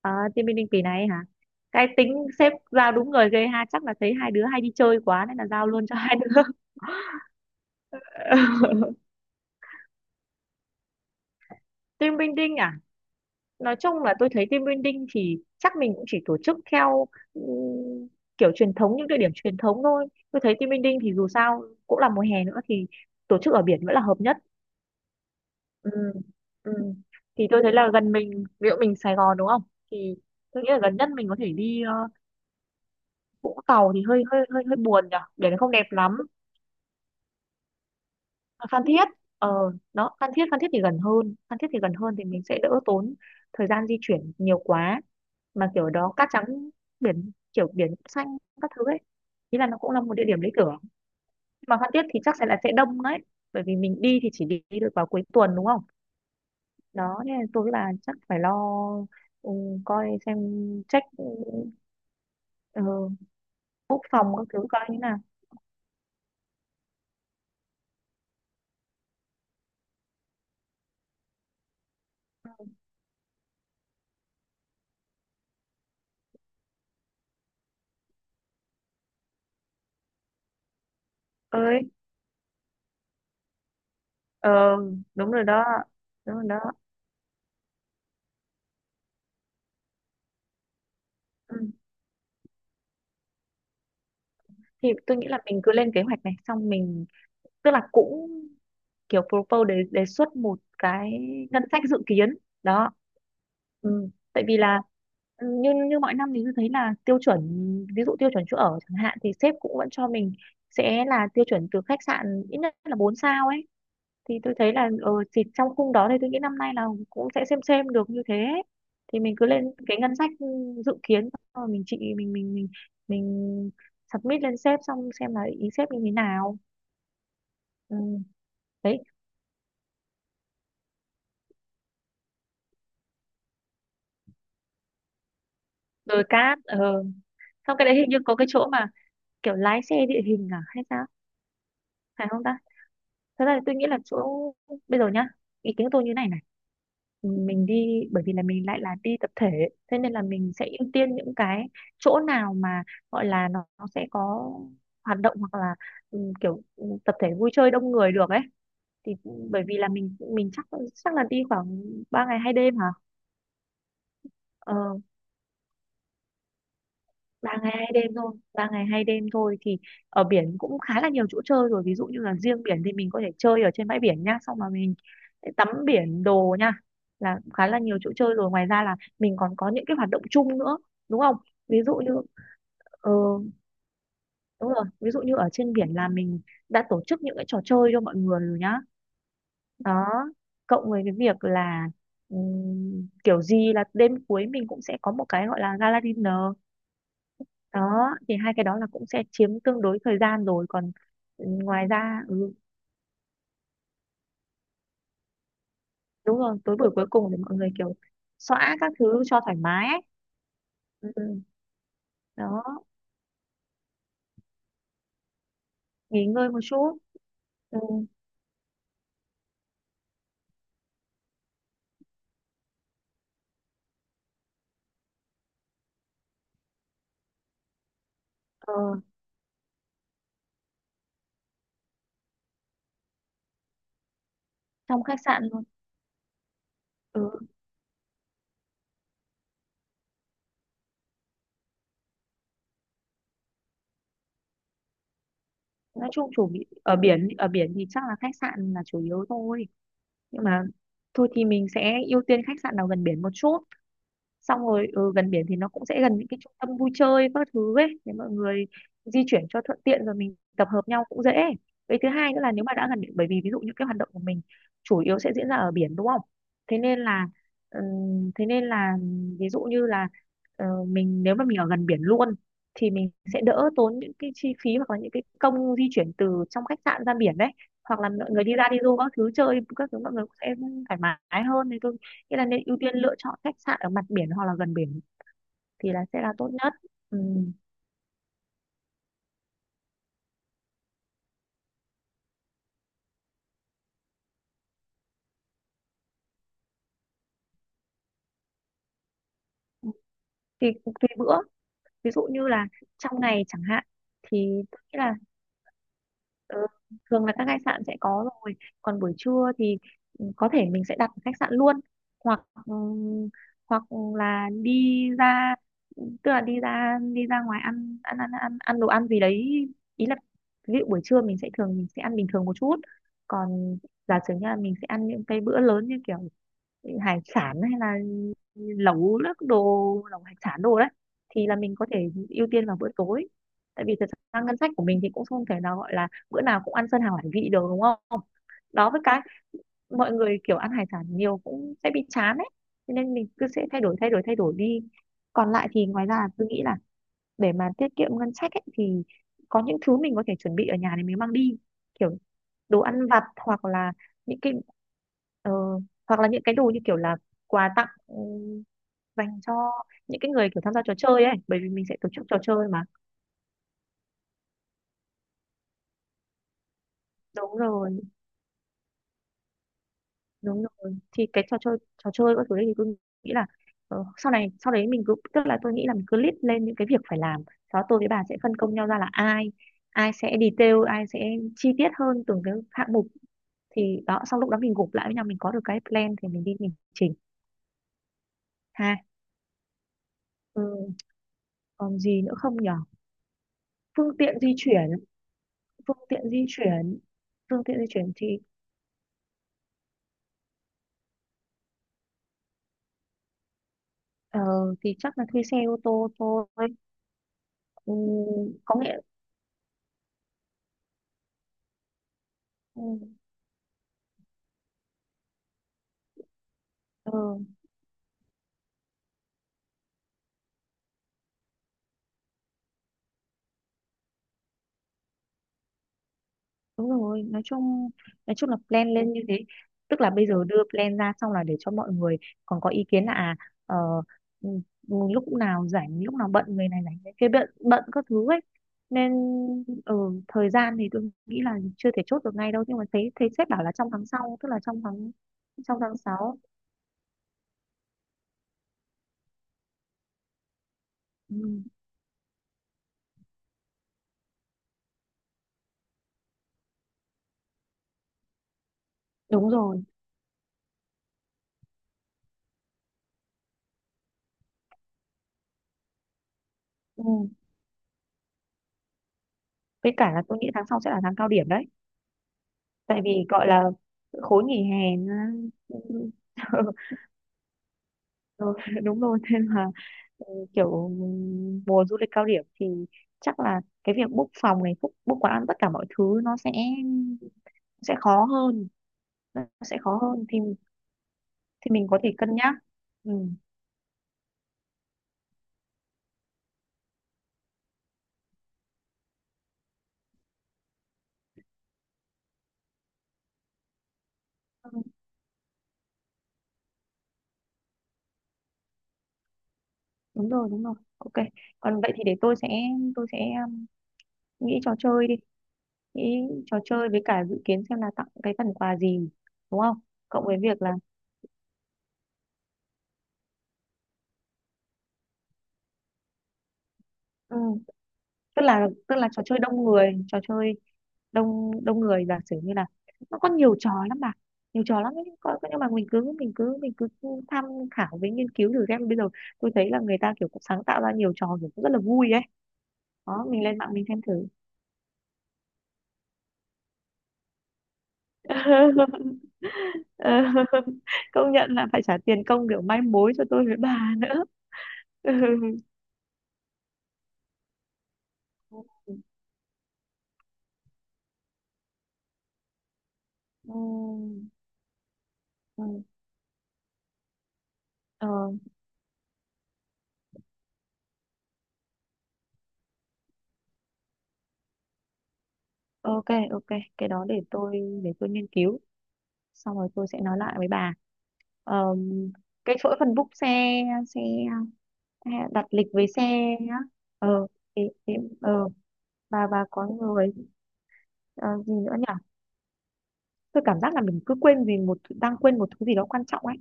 Ờ, team building kỳ này ấy hả? Cái tính sếp giao đúng người ghê ha, chắc là thấy hai đứa hay đi chơi quá nên là giao luôn cho hai đứa. Team building à? Nói chung là tôi thấy team building thì chắc mình cũng chỉ tổ chức theo ừm, kiểu truyền thống những địa điểm truyền thống thôi. Tôi thấy team building thì dù sao cũng là mùa hè nữa thì tổ chức ở biển vẫn là hợp nhất. Ừ. Ừ. Thì tôi thấy là gần mình, ví dụ mình Sài Gòn đúng không? Thì tôi nghĩ là gần nhất mình có thể đi Vũng Tàu thì hơi hơi hơi hơi buồn nhỉ, biển không đẹp lắm. Phan Thiết, đó Phan Thiết. Phan Thiết thì gần hơn Phan Thiết thì gần hơn thì mình sẽ đỡ tốn thời gian di chuyển nhiều quá, mà kiểu đó cát trắng, biển kiểu biển xanh các thứ ấy, ý là nó cũng là một địa điểm lý tưởng. Mà Phan Thiết thì chắc sẽ là sẽ đông đấy, bởi vì mình đi thì chỉ đi được vào cuối tuần đúng không, đó nên là tôi là chắc phải lo, ừ, coi xem, check, ờ, book phòng các thứ coi như nào. Ơi, ờ đúng rồi đó. Đúng rồi đó. Ừ. Thì tôi nghĩ là mình cứ lên kế hoạch này xong mình tức là cũng kiểu propose, đề đề xuất một cái ngân sách dự kiến đó. Ừ, tại vì là như như mọi năm thì tôi thấy là tiêu chuẩn, ví dụ tiêu chuẩn chỗ ở chẳng hạn thì sếp cũng vẫn cho mình sẽ là tiêu chuẩn từ khách sạn ít nhất là 4 sao ấy, thì tôi thấy là thì trong khung đó thì tôi nghĩ năm nay là cũng sẽ xem được như thế ấy. Thì mình cứ lên cái ngân sách dự kiến xong rồi mình chị mình submit lên sếp xong xem là ý sếp như thế nào. Ừ. Đấy, đồi cát, xong cái đấy hình như có cái chỗ mà kiểu lái xe địa hình à hay sao, phải không ta? Thật ra thì tôi nghĩ là chỗ, bây giờ nhá, ý kiến của tôi như này này, mình đi bởi vì là mình lại là đi tập thể, thế nên là mình sẽ ưu tiên những cái chỗ nào mà gọi là nó sẽ có hoạt động hoặc là kiểu tập thể vui chơi đông người được ấy, thì bởi vì là mình chắc, chắc là đi khoảng 3 ngày 2 đêm hả? Ờ, 3 ngày 2 đêm thôi. Ba ngày hai đêm thôi thì ở biển cũng khá là nhiều chỗ chơi rồi, ví dụ như là riêng biển thì mình có thể chơi ở trên bãi biển nhá, xong mà mình tắm biển đồ nha là khá là nhiều chỗ chơi rồi, ngoài ra là mình còn có những cái hoạt động chung nữa đúng không, ví dụ như ờ, đúng rồi, ví dụ như ở trên biển là mình đã tổ chức những cái trò chơi cho mọi người rồi nhá. Đó, cộng với cái việc là kiểu gì là đêm cuối mình cũng sẽ có một cái gọi là gala dinner. Đó thì hai cái đó là cũng sẽ chiếm tương đối thời gian rồi, còn ngoài ra đúng rồi, tối buổi cuối cùng để mọi người kiểu xõa các thứ cho thoải mái ấy. Ừ, ừ, đó nghỉ ngơi một chút. Ừ, ờ, trong khách sạn luôn. Ừ, nói chung ở biển, ở biển thì chắc là khách sạn là chủ yếu thôi, nhưng mà thôi thì mình sẽ ưu tiên khách sạn nào gần biển một chút, xong rồi gần biển thì nó cũng sẽ gần những cái trung tâm vui chơi các thứ ấy để mọi người di chuyển cho thuận tiện, rồi mình tập hợp nhau cũng dễ. Với thứ hai nữa là nếu mà đã gần biển, bởi vì ví dụ những cái hoạt động của mình chủ yếu sẽ diễn ra ở biển đúng không, thế nên là thế nên là ví dụ như là mình nếu mà mình ở gần biển luôn thì mình sẽ đỡ tốn những cái chi phí hoặc là những cái công di chuyển từ trong khách sạn ra biển đấy, hoặc là mọi người đi ra đi du các thứ chơi các thứ mọi người cũng sẽ thoải mái hơn, thì tôi nghĩa là nên ưu tiên lựa chọn khách sạn ở mặt biển hoặc là gần biển thì là sẽ là tốt nhất. Ừ. Thì cũng tùy bữa, ví dụ như là trong ngày chẳng hạn thì tôi nghĩ là ừ, thường là các khách sạn sẽ có rồi, còn buổi trưa thì có thể mình sẽ đặt ở khách sạn luôn hoặc ừ, hoặc là đi ra, tức là đi ra ngoài ăn ăn ăn ăn ăn đồ ăn gì đấy, ý là ví dụ buổi trưa mình sẽ ăn bình thường một chút, còn giả sử như là mình sẽ ăn những cái bữa lớn như kiểu hải sản hay là lẩu nước đồ, lẩu hải sản đồ đấy, thì là mình có thể ưu tiên vào bữa tối. Tại vì thật ra ngân sách của mình thì cũng không thể nào gọi là bữa nào cũng ăn sơn hào hải vị được đúng không, đó với cái mọi người kiểu ăn hải sản nhiều cũng sẽ bị chán ấy. Cho nên mình cứ sẽ thay đổi đi. Còn lại thì ngoài ra tôi nghĩ là để mà tiết kiệm ngân sách ấy, thì có những thứ mình có thể chuẩn bị ở nhà để mình mang đi, kiểu đồ ăn vặt hoặc là những cái ờ, hoặc là những cái đồ như kiểu là quà tặng dành cho những cái người kiểu tham gia trò chơi ấy, bởi vì mình sẽ tổ chức trò chơi mà. Đúng rồi đúng rồi thì cái trò chơi, trò chơi các thứ đấy thì tôi nghĩ là sau này sau đấy mình cứ, tức là tôi nghĩ là mình cứ list lên những cái việc phải làm, sau đó tôi với bà sẽ phân công nhau ra là ai, ai sẽ detail, ai sẽ chi tiết hơn từng cái hạng mục, thì đó sau lúc đó mình gộp lại với nhau mình có được cái plan thì mình đi mình chỉnh ha. Ừ, còn gì nữa không nhở? Phương tiện di chuyển. Phương tiện di chuyển phương tiện di chuyển thì ờ, thì chắc là thuê xe ô tô thôi. Ừ, có nghĩa, ừ, ờ, đúng rồi, nói chung, nói chung là plan lên như thế, tức là bây giờ đưa plan ra xong là để cho mọi người còn có ý kiến là à, ờ, ừ, lúc nào rảnh, lúc nào bận, người này rảnh, người kia bận bận các thứ ấy. Nên ở thời gian thì tôi nghĩ là chưa thể chốt được ngay đâu, nhưng mà thấy thấy sếp bảo là trong tháng sau, tức là trong tháng, trong tháng 6. Ừ, đúng rồi. Ừ. Với cả là tôi nghĩ tháng sau sẽ là tháng cao điểm đấy, tại vì gọi là khối nghỉ hè Ừ, đúng rồi nên là kiểu mùa du lịch cao điểm thì chắc là cái việc book phòng này, book quán ăn tất cả mọi thứ nó sẽ khó hơn, nó sẽ khó hơn thì mình có thể cân nhắc. Ừ. Ừ, đúng rồi ok. Còn vậy thì để tôi sẽ, tôi sẽ um, nghĩ trò chơi đi, nghĩ trò chơi với cả dự kiến xem là tặng cái phần quà gì, đúng không, cộng với việc là ừ. Tức là trò chơi đông người, trò chơi đông đông người, giả sử như là nó có nhiều trò lắm bà, nhiều trò lắm ấy. Có, nhưng mà mình cứ tham khảo với nghiên cứu thử xem bây giờ tôi thấy là người ta kiểu cũng sáng tạo ra nhiều trò kiểu cũng rất là vui ấy. Đó mình lên mạng mình xem thử. Ờ, công nhận là phải trả tiền công kiểu mai mối cho tôi với bà nữa. Ừ. Ừ. Ừ. Ờ, ok, ok, cái đó để tôi, để tôi nghiên cứu xong rồi tôi sẽ nói lại với bà. Ờ, cái chỗ phần book xe, xe hay là đặt lịch với xe. Á ờ thì, thì, ờ và có người, ờ, gì nữa nhỉ, tôi cảm giác là mình cứ quên vì đang quên một thứ gì đó quan trọng ấy.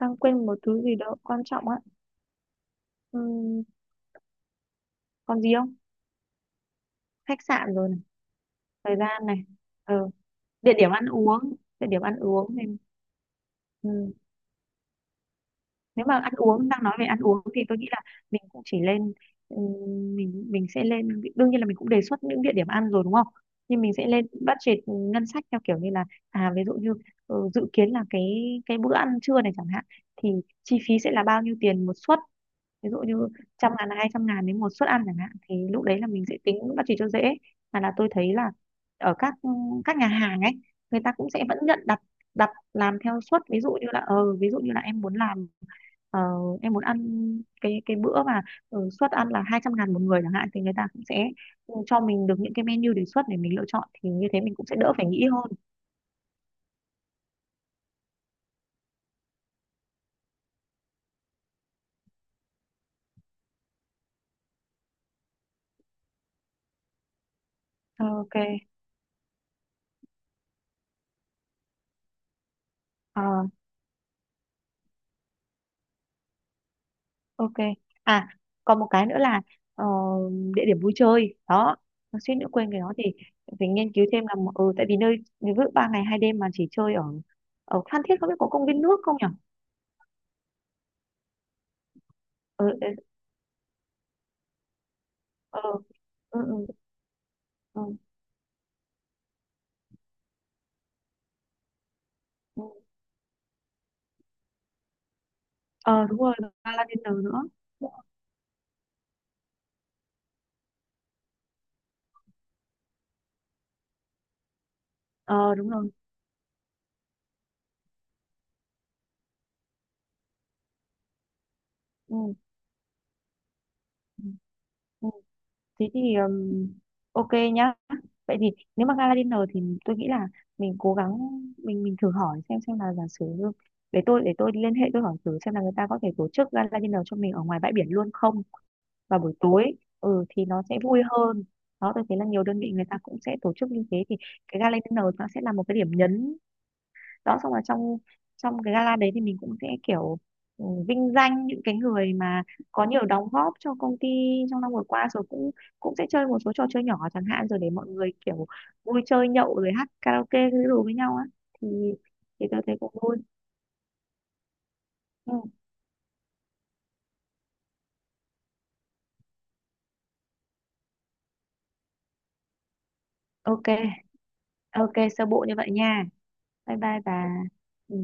Đang quên một thứ gì đó quan trọng á. Ừm, còn gì không? Khách sạn rồi này, thời gian này, ờ địa điểm ăn uống, địa điểm ăn uống này. Nếu mà ăn uống, đang nói về ăn uống thì tôi nghĩ là mình cũng chỉ lên, mình sẽ lên, đương nhiên là mình cũng đề xuất những địa điểm ăn rồi đúng không, nhưng mình sẽ lên budget ngân sách theo kiểu như là à ví dụ như dự kiến là cái bữa ăn trưa này chẳng hạn thì chi phí sẽ là bao nhiêu tiền một suất, ví dụ như 100 ngàn, 200 ngàn đến một suất ăn chẳng hạn thì lúc đấy là mình sẽ tính budget cho dễ. Mà là tôi thấy là ở các nhà hàng ấy người ta cũng sẽ vẫn nhận đặt, đặt làm theo suất, ví dụ như là ví dụ như là em muốn làm, ờ, em muốn ăn cái bữa mà suất ăn là 200 ngàn một người chẳng hạn thì người ta cũng sẽ cho mình được những cái menu đề xuất để mình lựa chọn thì như thế mình cũng sẽ đỡ phải nghĩ hơn. Ok. Ờ, ok. À còn một cái nữa là ờ, địa điểm vui chơi đó, nó suýt nữa quên cái đó thì phải nghiên cứu thêm là ừ, tại vì nơi ví dụ 3 ngày 2 đêm mà chỉ chơi ở, ở Phan Thiết không biết có công viên nước không nhỉ. Ờ ờ ờ ừ, ừ, ừ. Ờ, đúng rồi, gala dinner nữa. Ờ đúng rồi. Ừ. Ừ. Thế thì ok nhá. Vậy thì nếu mà gala dinner thì tôi nghĩ là mình cố gắng, mình thử hỏi xem là giả sử như- để tôi, để tôi liên hệ tôi hỏi thử xem là người ta có thể tổ chức gala dinner cho mình ở ngoài bãi biển luôn không, vào buổi tối, ừ thì nó sẽ vui hơn. Đó tôi thấy là nhiều đơn vị người ta cũng sẽ tổ chức như thế, thì cái gala dinner nó sẽ là một cái điểm nhấn. Đó xong rồi trong trong cái gala đấy thì mình cũng sẽ kiểu vinh danh những cái người mà có nhiều đóng góp cho công ty trong năm vừa qua, rồi cũng, cũng sẽ chơi một số trò chơi nhỏ chẳng hạn, rồi để mọi người kiểu vui chơi nhậu rồi hát karaoke cái đồ với nhau á, thì thì tôi thấy cũng vui. Ừ. Ok. Ok sơ bộ như vậy nha. Bye bye bà. Ừ.